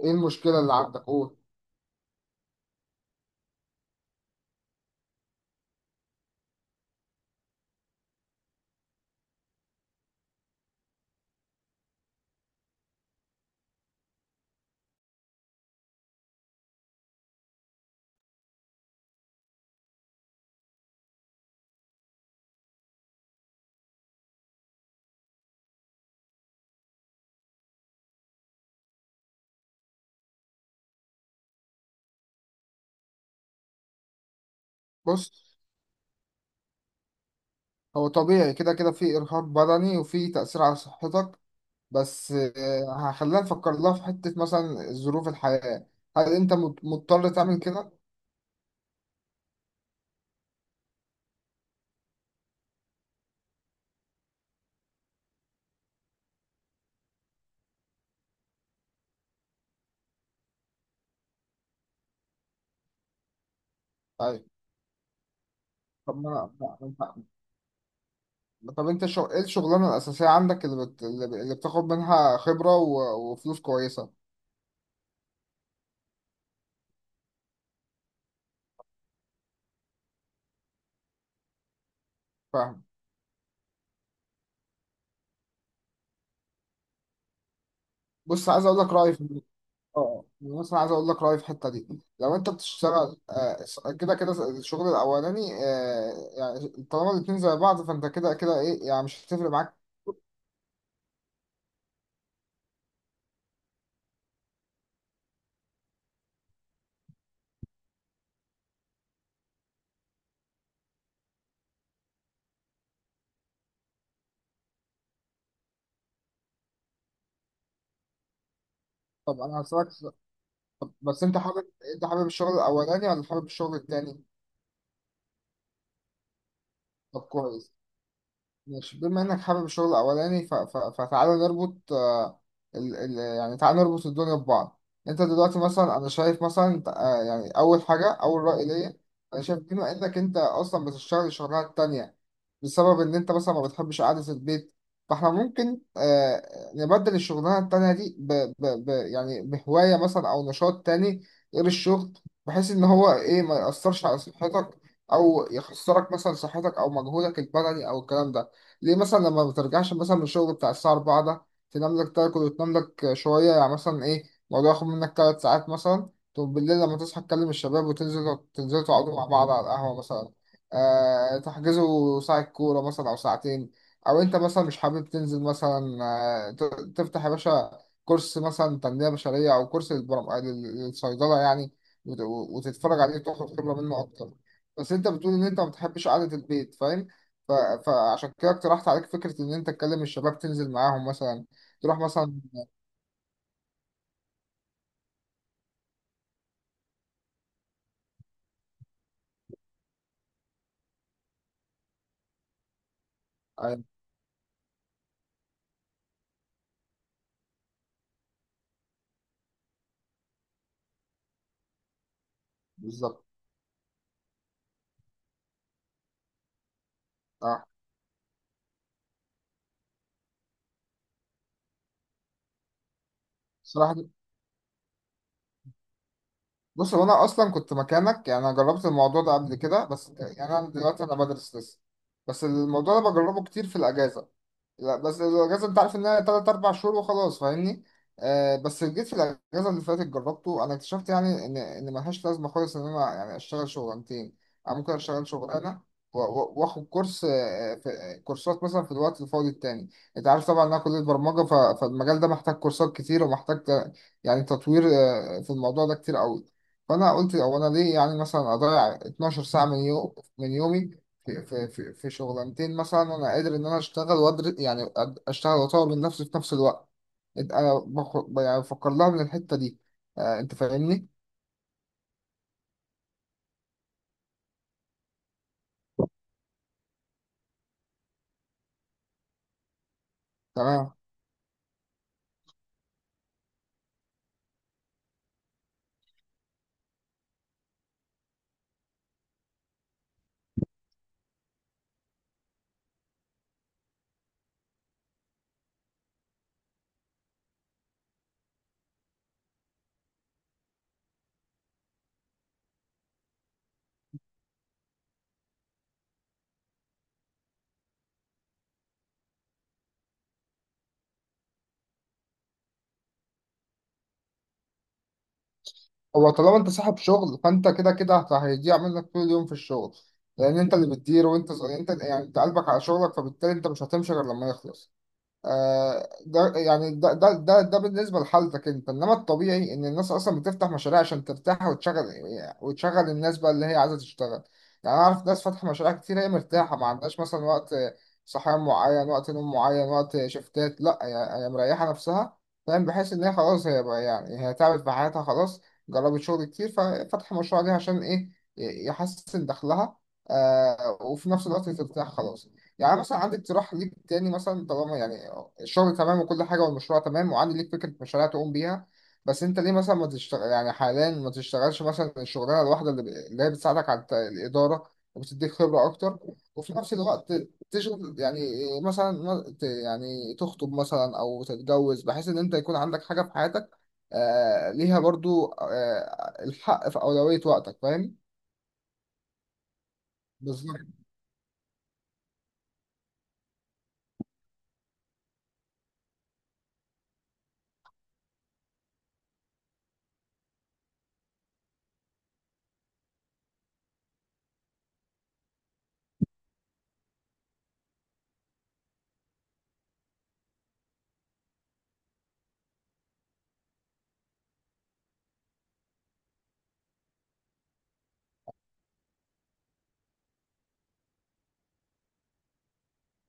ايه المشكلة اللي عندك؟ قول. بص، هو طبيعي كده كده في إرهاق بدني وفي تأثير على صحتك، بس هخلينا نفكر لها في حتة، مثلا ظروف الحياة. هل أنت مضطر تعمل كده؟ طيب. طب ما ما- طب أنت إيه الشغلانة الأساسية عندك اللي بتاخد منها خبرة وفلوس كويسة؟ فاهم. بص، عايز أقول لك رأيي. اه، أنا مثلا عايز اقول لك رايي في الحته دي. لو انت بتشتغل كده كده الشغل الاولاني. آه، يعني طالما الاتنين زي بعض، فانت كده كده ايه، يعني مش هتفرق معاك. طب انا هسألك س- طب بس انت حابب الشغل الاولاني ولا حابب الشغل التاني؟ طب كويس. ماشي، بما انك حابب الشغل الاولاني، فتعالى نربط، يعني تعالى نربط الدنيا ببعض. انت دلوقتي، مثلا انا شايف مثلا، يعني اول حاجه، اول راي ليا: انا شايف بما انك انت اصلا بتشتغل الشغلانه التانيه بسبب ان انت مثلا ما بتحبش قعده البيت، فاحنا ممكن نبدل الشغلانه التانيه دي يعني بهوايه مثلا او نشاط تاني غير الشغل، بحيث ان هو ايه، ما يأثرش على صحتك او يخسرك مثلا صحتك او مجهودك البدني او الكلام ده. ليه مثلا لما بترجعش مثلا من الشغل بتاع الساعة 4 ده، تنام لك، تاكل وتنام لك شوية، يعني مثلا إيه، الموضوع ياخد منك تلات ساعات مثلا. طب بالليل لما تصحى تكلم الشباب وتنزلوا تقعدوا مع بعض على القهوة مثلا، آه، تحجزوا ساعة كورة مثلا أو ساعتين. أو أنت مثلا مش حابب تنزل مثلا، آه ت- تفتح يا باشا كورس مثلا تنمية بشرية أو كورس للصيدلة يعني، وت- وتتفرج عليه وتاخد خبرة منه أكتر. بس أنت بتقول إن أنت ما بتحبش قعدة البيت، ف... فعشان كده اقترحت عليك فكرة إن أنت تكلم الشباب تنزل معاهم مثلا، تروح مثلا. أيوة. بالظبط. أه. صراحة دي- بص هو أنا أصلا كنت مكانك، يعني أنا جربت الموضوع ده قبل كده، بس يعني أنا دلوقتي أنا بدرس لسه. بس الموضوع ده بجربه كتير في الأجازة. لا، بس الاجازه انت عارف انها تلات اربع شهور وخلاص، فاهمني. آه بس جيت في الاجازه اللي فاتت جربته، انا اكتشفت يعني ان ملهاش لازمه خالص ان انا يعني اشتغل شغلانتين. انا ممكن اشتغل شغلانه واخد كورس، آه، في آه، كورسات مثلا في الوقت الفاضي التاني. انت عارف طبعا ان انا كليه برمجه، فالمجال ده محتاج كورسات كتير ومحتاج يعني تطوير في الموضوع ده كتير قوي. فانا قلت، هو انا ليه يعني مثلا اضيع 12 ساعه من من يومي في شغلانتين، مثلا انا قادر ان انا اشتغل وادر، يعني اشتغل واطور من نفسي في نفس الوقت. يعني بفكر لها من الحته دي، آه انت فاهمني. تمام. هو طالما انت صاحب شغل فانت كده كده هيضيع منك طول اليوم في الشغل، لان انت اللي بتدير، وانت يعني انت، يعني انت قلبك على شغلك، فبالتالي انت مش هتمشي غير لما يخلص. ده يعني ده بالنسبة لحالتك انت، انما الطبيعي ان الناس اصلا بتفتح مشاريع عشان ترتاح وتشغل، وتشغل الناس بقى اللي هي عايزة تشتغل. يعني انا اعرف ناس فاتحة مشاريع كتير، هي مرتاحة، ما عندهاش مثلا وقت صحيان معين، وقت نوم معين، وقت شفتات، لا، هي مريحة نفسها. فاهم، بحيث ان هي خلاص، هي بقى يعني هي تعبت في حياتها خلاص، جربت شغل كتير، ففتح مشروع ليها عشان ايه، يحسن دخلها، آه، وفي نفس الوقت ترتاح خلاص. يعني مثلا عندي اقتراح ليك تاني، مثلا طالما يعني الشغل تمام وكل حاجة والمشروع تمام، وعندي ليك فكرة مشاريع تقوم بيها. بس انت ليه مثلا ما تشتغل، يعني حاليا ما تشتغلش مثلا الشغلانة الواحدة اللي هي بتساعدك على الإدارة وبتديك خبرة أكتر، وفي نفس الوقت تشغل يعني مثلا، يعني تخطب مثلا أو تتجوز بحيث إن أنت يكون عندك حاجة في حياتك، آه، ليها برضو، آه، الحق في أولوية وقتك، فاهم؟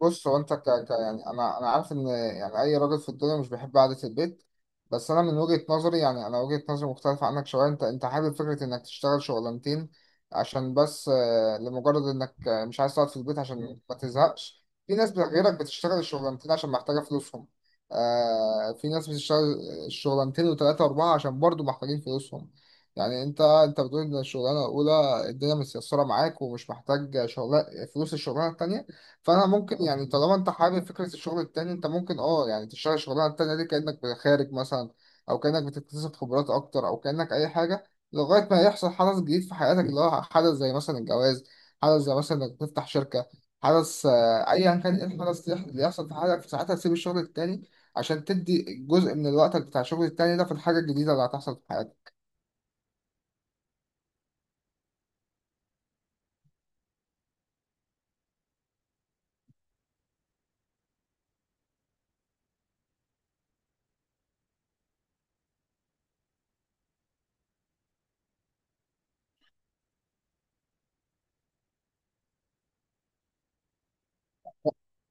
بص هو انت يعني انا عارف ان يعني اي راجل في الدنيا مش بيحب قعده البيت، بس انا من وجهه نظري، يعني انا وجهه نظري مختلفه عنك شويه. انت حابب فكره انك تشتغل شغلانتين عشان بس، لمجرد انك مش عايز تقعد في البيت عشان ما تزهقش. في ناس غيرك بتشتغل الشغلانتين عشان محتاجه فلوسهم، آه، في ناس بتشتغل الشغلانتين وثلاثه واربعه عشان برضو محتاجين فلوسهم. يعني انت بتقول ان الشغلانه الاولى الدنيا متيسره معاك ومش محتاج شغل فلوس الشغلانه التانيه، فانا ممكن يعني طالما انت حابب فكره الشغل التاني، انت ممكن اه يعني تشتغل الشغلانه التانيه دي كانك خارج مثلا، او كانك بتكتسب خبرات اكتر، او كانك اي حاجه، لغايه ما يحصل حدث جديد في حياتك، اللي هو حدث زي مثلا الجواز، حدث زي مثلا انك تفتح شركه، حدث ايا كان ايه الحدث اللي يحصل في حياتك، في ساعتها تسيب الشغل التاني عشان تدي جزء من الوقت بتاع الشغل التاني ده في الحاجه الجديده اللي هتحصل في حياتك.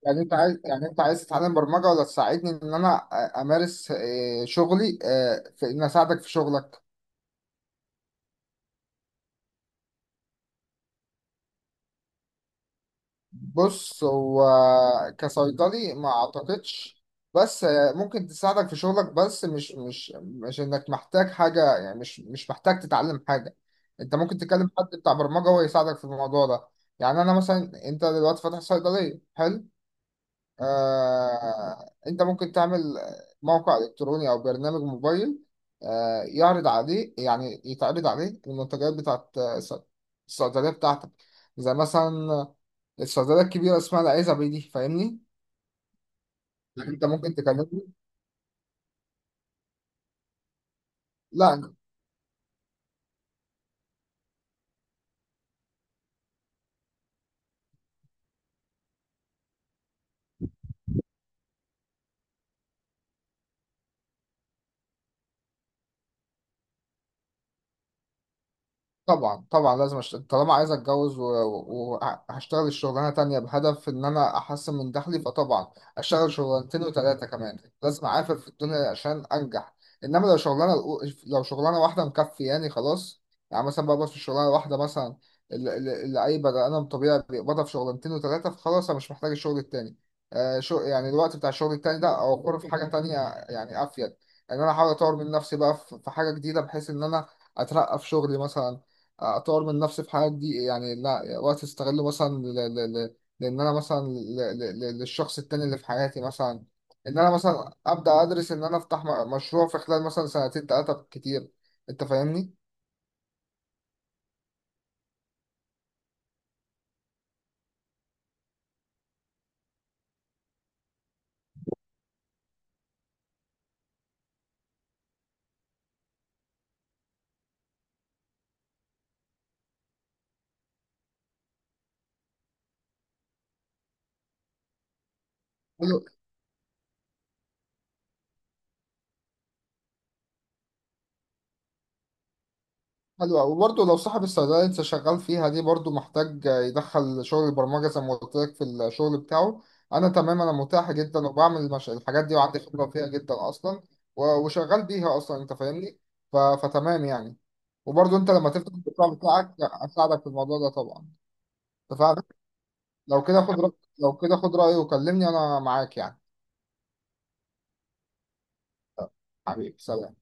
يعني انت عايز تتعلم برمجه، ولا تساعدني ان انا امارس شغلي في ان اساعدك في شغلك؟ بص هو، كصيدلي ما اعتقدش، بس ممكن تساعدك في شغلك، بس مش انك محتاج حاجة، يعني مش محتاج تتعلم حاجة. انت ممكن تكلم حد بتاع برمجة ويساعدك في الموضوع ده. يعني انا مثلا، انت دلوقتي فاتح صيدلية، حلو، انت ممكن تعمل موقع الكتروني او برنامج موبايل، يعرض عليه يعني يتعرض عليه المنتجات بتاعت الصيدليه بتاعتك، زي مثلا الصيدليه الكبيره اسمها العزبي دي، فاهمني. انت ممكن تكلمني. لا. طبعا طبعا لازم طالما عايز اتجوز وهشتغل الشغلانه تانية بهدف ان انا احسن من دخلي، فطبعا اشتغل شغلانتين وثلاثه كمان، لازم اعافر في الدنيا عشان انجح. انما لو شغلانه واحده مكفياني خلاص، يعني مثلا بقبض في الشغلانه الواحده مثلا اللي اي بني ادم طبيعي بيقبضها في شغلانتين وثلاثه، فخلاص انا مش محتاج الشغل التاني، آه، شو يعني الوقت بتاع الشغل التاني ده اوفره في حاجه تانية، يعني افيد، ان انا احاول اطور من نفسي بقى في حاجه جديده، بحيث ان انا اترقى في شغلي مثلا، اطور من نفسي في حاجات دي، يعني لا، وقت استغله مثلا لان انا مثلا للشخص التاني اللي في حياتي مثلا، ان انا مثلا ابدا ادرس ان انا افتح مشروع في خلال مثلا سنتين ثلاثه كتير، انت فاهمني. حلو. حلو أوي. وبرضه لو صاحب الصيدليه اللي انت شغال فيها دي برضه محتاج يدخل شغل البرمجه زي ما قلت لك في الشغل بتاعه، انا تمام، انا متاح جدا وبعمل الحاجات دي وعندي خبره فيها جدا اصلا، وشغال بيها اصلا، انت فاهمني، فتمام يعني. وبرضه انت لما تفتح البتاع بتاعك اساعدك في الموضوع ده طبعا. اتفقنا. لو كده خد رأي لو كده خد رأيي وكلمني، انا معاك يعني. حبيبي سلام.